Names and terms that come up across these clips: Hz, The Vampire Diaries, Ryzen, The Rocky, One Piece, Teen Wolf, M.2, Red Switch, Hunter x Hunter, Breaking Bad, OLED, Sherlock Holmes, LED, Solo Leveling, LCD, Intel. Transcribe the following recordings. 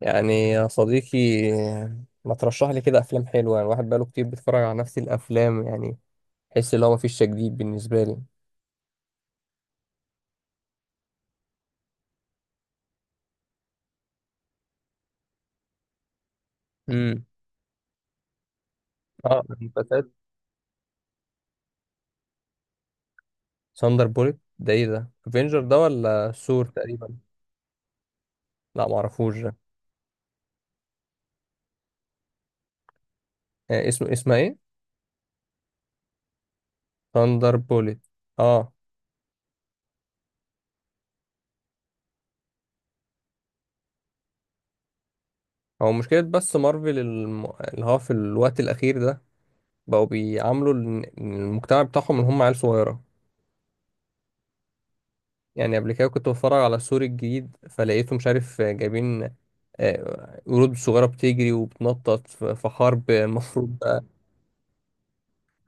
يعني يا صديقي ما ترشح لي كده افلام حلوه يعني الواحد بقاله كتير بيتفرج على نفس الافلام يعني. حس ان هو مفيش تجديد بالنسبه لي. امم. اه، مسلسل ساندر بوليت ده ايه ده؟ افنجر ده ولا ثور تقريبا؟ لا معرفوش ده. آه، اسمها ايه؟ ساندر بوليت. اه، هو مشكله بس مارفل اللي هو في الوقت الاخير ده بقوا بيعاملوا المجتمع بتاعهم ان هم عيال صغيره. يعني قبل كده كنت بتفرج على السور الجديد فلقيته مش عارف جايبين قرود صغيرة بتجري وبتنطط في حرب المفروض بقى.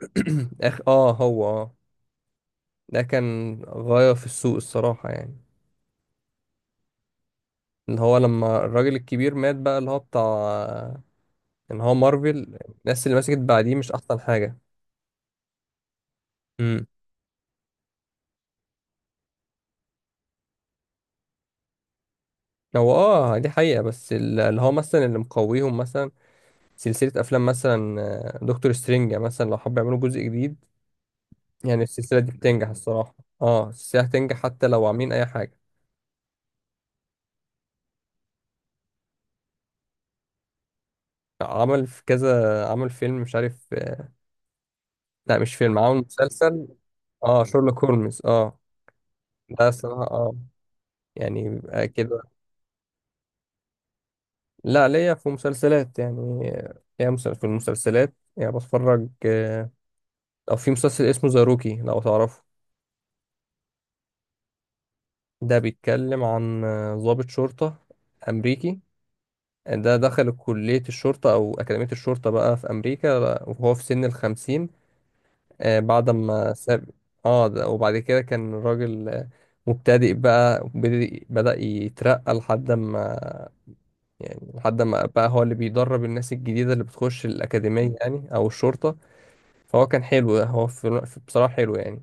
آخ، هو، ده كان غاية في السوق الصراحة يعني. اللي هو لما الراجل الكبير مات بقى اللي هو بتاع ان هو مارفل. الناس اللي مسكت بعديه مش احسن حاجة. امم. هو اه دي حقيقة، بس اللي هو مثلا اللي مقويهم مثلا سلسلة افلام مثلا، دكتور سترينج مثلا لو حب يعملوا جزء جديد. يعني السلسلة دي بتنجح الصراحة. اه السلسلة هتنجح حتى لو عاملين أي حاجة. عمل في كذا، عمل فيلم مش عارف. لا مش فيلم، عمل مسلسل. اه شيرلوك هولمز، اه. ده الصراحة اه، يعني بيبقى كده. لا، ليا في مسلسلات يعني، ليا في المسلسلات يعني بتفرج، أو في مسلسل اسمه ذا روكي لو تعرفه. ده بيتكلم عن ضابط شرطة أمريكي. ده دخل كلية الشرطة أو أكاديمية الشرطة بقى في أمريكا، وهو في سن الخمسين، بعد ما ساب. اه ده، وبعد كده كان الراجل، مبتدئ بقى، وبدأ- بدأ يترقى لحد ما. يعني لحد ما بقى هو اللي بيدرب الناس الجديدة اللي بتخش الأكاديمية يعني، أو الشرطة. فهو كان حلو، هو بصراحة حلو يعني.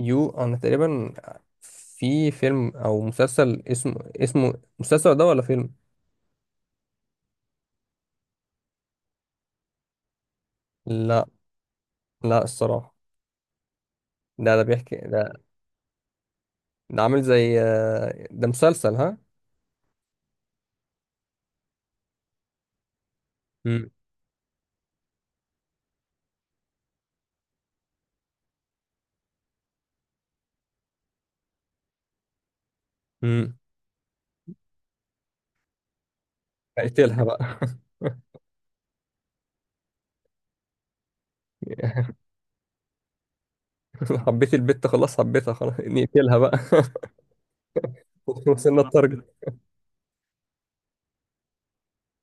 يو، أنا تقريبا في فيلم أو مسلسل اسمه مسلسل ده ولا فيلم؟ لا. لا الصراحة. ده بيحكي ده. عامل زي، ده مسلسل، ها؟ امم. امم. قتلها بقى. حبيت البت، خلاص، حبيتها خلاص، نقتلها بقى. وصلنا التارجت.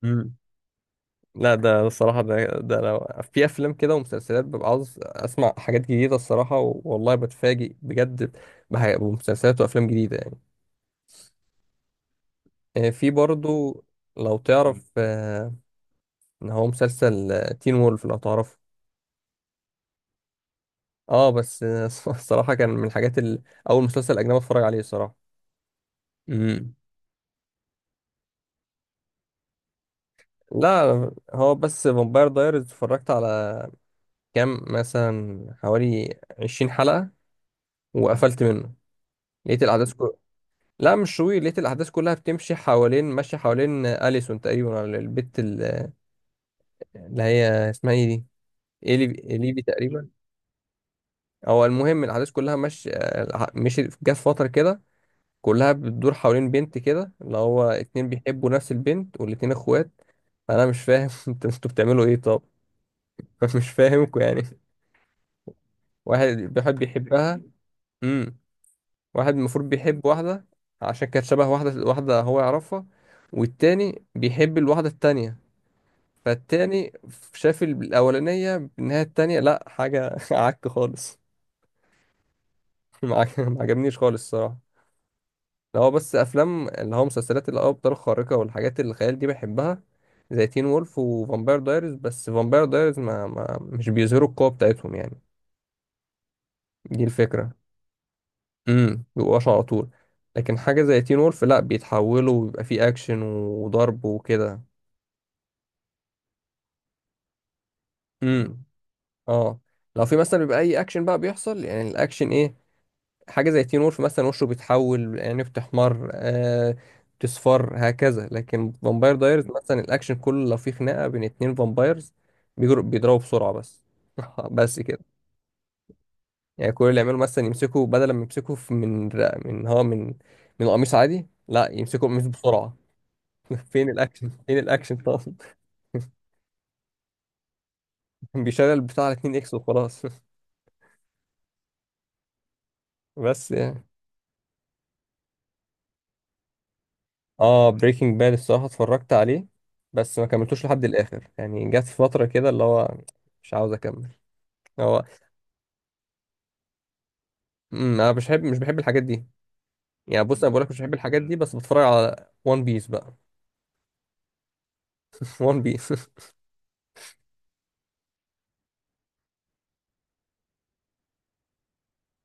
مم. لا ده الصراحة ده لو في أفلام كده ومسلسلات ببقى عاوز أسمع حاجات جديدة الصراحة، والله بتفاجئ بجد بمسلسلات وأفلام جديدة يعني. في برضو لو تعرف إن هو مسلسل تين وولف لو تعرفه. اه بس الصراحة كان من الحاجات أول مسلسل أجنبي أتفرج عليه الصراحة. امم. لا، هو بس فامباير دايرز اتفرجت على كام مثلا، حوالي 20 حلقة وقفلت منه. لقيت الأحداث كلها. لا مش طويل، لقيت الأحداث كلها بتمشي حوالين، ماشية حوالين أليسون تقريبا على البت اللي هي اسمها ايه دي؟ إيلي. إيليبي تقريبا. أو المهم الأحداث كلها مش، جت فترة كده كلها بتدور حوالين بنت كده اللي هو اتنين بيحبوا نفس البنت والاتنين اخوات. أنا مش فاهم، انتوا بتعملوا ايه طب؟ مش فاهمكوا يعني. واحد بيحب يحبها، واحد المفروض بيحب واحدة عشان كانت شبه واحدة، واحدة هو يعرفها والتاني بيحب الواحدة التانية. فالتاني شاف الأولانية إنها التانية، لأ حاجة عك خالص. ما عجبنيش خالص الصراحة. اللي هو بس أفلام، اللي هو مسلسلات، اللي هو أبطال خارقة والحاجات اللي الخيال دي بحبها، زي تين وولف وفامباير دايريز. بس فامباير دايريز ما مش بيظهروا القوة بتاعتهم يعني. دي الفكرة. بيبقوش على طول. لكن حاجة زي تين وولف لا، بيتحولوا وبيبقى فيه أكشن وضرب وكده. امم اه، لو في مثلا بيبقى أي أكشن بقى بيحصل، يعني الأكشن إيه؟ حاجة زي تين وولف مثلا وشه بيتحول، يعني بتحمر، آه، بتصفر هكذا. لكن فامباير دايرز مثلا الأكشن كله لو في خناقة بين اتنين فامبايرز بيجروا بيضربوا بسرعة بس. بس كده. يعني كل اللي يعملوا مثلا يمسكوا، بدل ما يمسكوا من، من هو من من قميص عادي، لا يمسكوا القميص بسرعة. فين الاكشن؟ فين الاكشن طبعا. بيشغل البتاع على 2 اكس وخلاص. بس يعني. اه بريكنج باد الصراحه اتفرجت عليه بس ما كملتوش لحد الاخر، يعني جت في فتره كده اللي هو مش عاوز اكمل. هو. أمم، انا مش بحب، الحاجات دي. يعني بص انا بقولك مش بحب الحاجات دي، بس بتفرج على وان بيس بقى. وان بيس.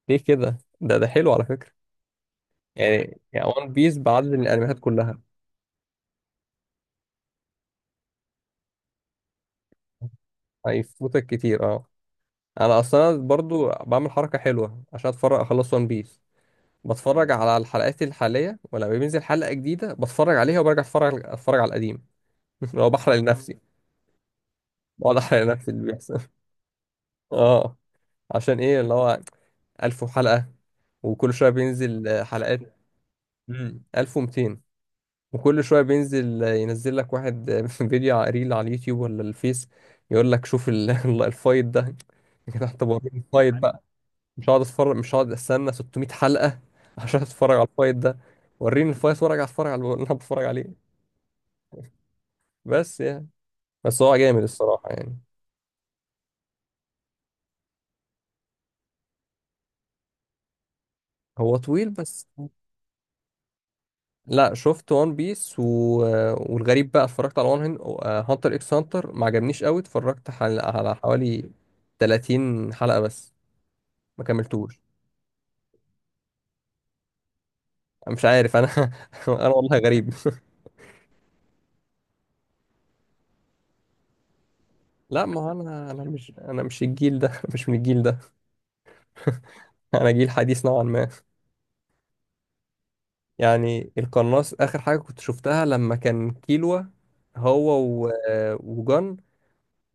ليه كده؟ ده حلو على فكره. يعني وان بيس بعدد من الانميات كلها. هيفوتك كتير، اه. انا اصلا برضو بعمل حركه حلوه عشان اتفرج اخلص وان بيس. بتفرج على الحلقات الحالية ولما بينزل حلقة جديدة بتفرج عليها، وبرجع اتفرج على القديم. لو بحرق لنفسي. بقعد احرق لنفسي اللي بيحصل. اه. عشان ايه اللي هو 1000 حلقة، وكل شوية بينزل حلقات. 1200. وكل شوية بينزل ينزل لك واحد، فيديو ريل على اليوتيوب ولا الفيس، يقول لك شوف الفايت ده. يا جدع، طب وريني الفايت بقى. مش هقعد اتفرج، مش هقعد استنى 600 حلقة عشان اتفرج على الفايت ده. وريني الفايت وارجع اتفرج على اللي انا بتفرج عليه. بس يعني. بس هو جامد الصراحة يعني. هو طويل بس. لا شفت وان بيس والغريب بقى، اتفرجت على هانتر اكس هانتر، ما عجبنيش قوي، اتفرجت على حوالي 30 حلقة بس، ما كملتوش. أنا مش عارف، انا انا والله غريب. لا، ما هو انا، انا مش الجيل ده. مش من الجيل ده. انا جيل حديث نوعا ما. يعني القناص اخر حاجة كنت شفتها لما كان كيلوا، هو و... وجان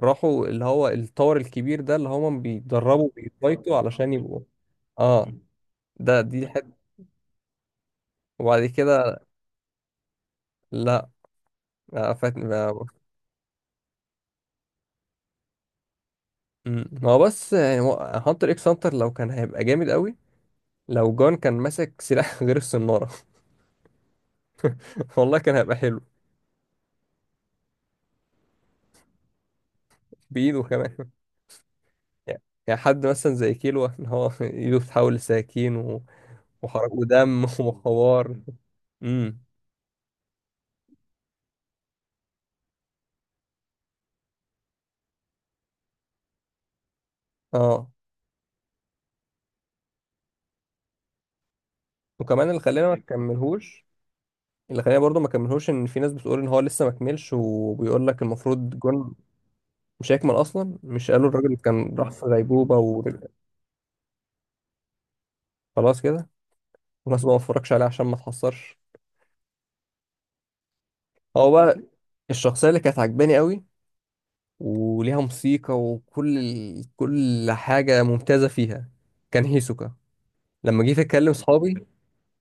راحوا اللي هو الطور الكبير ده اللي هما بيتدربوا بيفايتوا علشان يبقوا. اه ده، دي حته. وبعد كده لا، فاتني بقى. مم. هو بس يعني هانتر اكس هانتر لو كان هيبقى جامد قوي لو جون كان ماسك سلاح غير الصنارة. والله كان هيبقى حلو. بإيده كمان. يعني يعني حد مثلا زي كيلو ان هو ايده بتتحول لسكاكين وحرق ودم، وحوار. امم. اه. وكمان اللي خلينا ما نكملهوش، اللي خلاني برضو ما كملهوش، ان في ناس بتقول ان هو لسه ما كملش وبيقول لك المفروض جون مش هيكمل اصلا. مش قالوا الراجل كان راح في غيبوبه ورجع؟ خلاص كده. والناس بقى ما اتفرجش عليه عشان ما اتحصرش. هو بقى الشخصيه اللي كانت عجباني قوي وليها موسيقى وكل ال... كل حاجه ممتازه فيها، كان هيسوكا. لما جيت اتكلم صحابي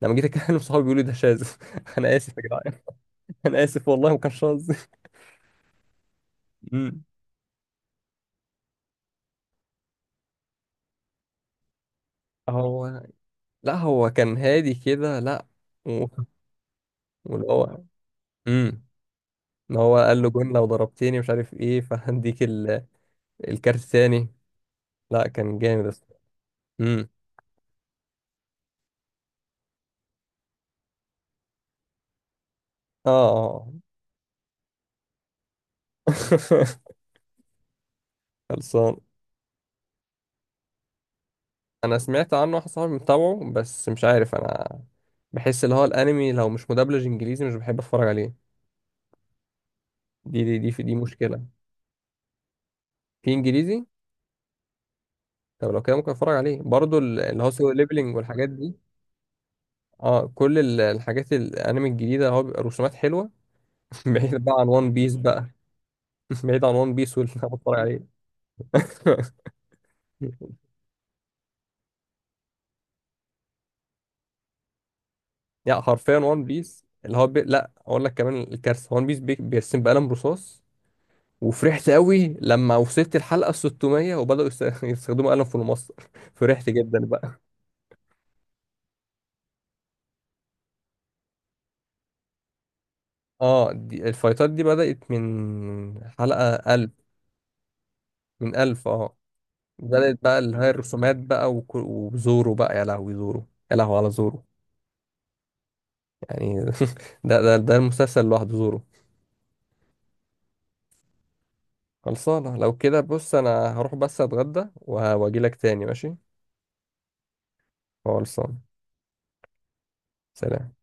لما جيت اتكلم صحابي بيقولوا ده شاذ. انا اسف يا جدعان. انا اسف والله ما كانش قصدي. مم. هو، لا هو كان هادي كده، لا و- واللي هو، امم، ان هو قال له جون لو ضربتني مش عارف ايه فهديك الكارت تاني. لا كان جامد اصلا. امم. اه. اه. خلصان. انا سمعت عنه، واحد صاحبي متابعه، بس مش عارف انا بحس اللي هو الانمي لو مش مدبلج انجليزي مش بحب اتفرج عليه. دي في دي مشكله. في انجليزي. طب لو كده ممكن اتفرج عليه برضو اللي هو سولو ليبلينج والحاجات دي. اه كل الحاجات، الانمي الجديده هو بيبقى رسومات حلوه. بعيد بقى عن وان بيس بقى. بعيد عن وان بيس واللي أنا بتفرج عليه. يعني حرفيا وان بيس اللي هو لا اقول لك كمان الكارثه، وان بيس بيرسم بقلم رصاص. وفرحت قوي لما وصلت الحلقه 600 يستخدموا قلم في المصدر. فرحت جدا بقى. اه الفايتات دي بدات من حلقه 1000، من 1000 اه. بدات بقى اللي هي الرسومات بقى وك... وزورو بقى. يا لهوي زورو، يا لهوي على زورو. يعني ده المسلسل لوحده زورو. خلصانه، لو كده بص انا هروح بس اتغدى وهاجي لك تاني، ماشي. خلصانه. سلام.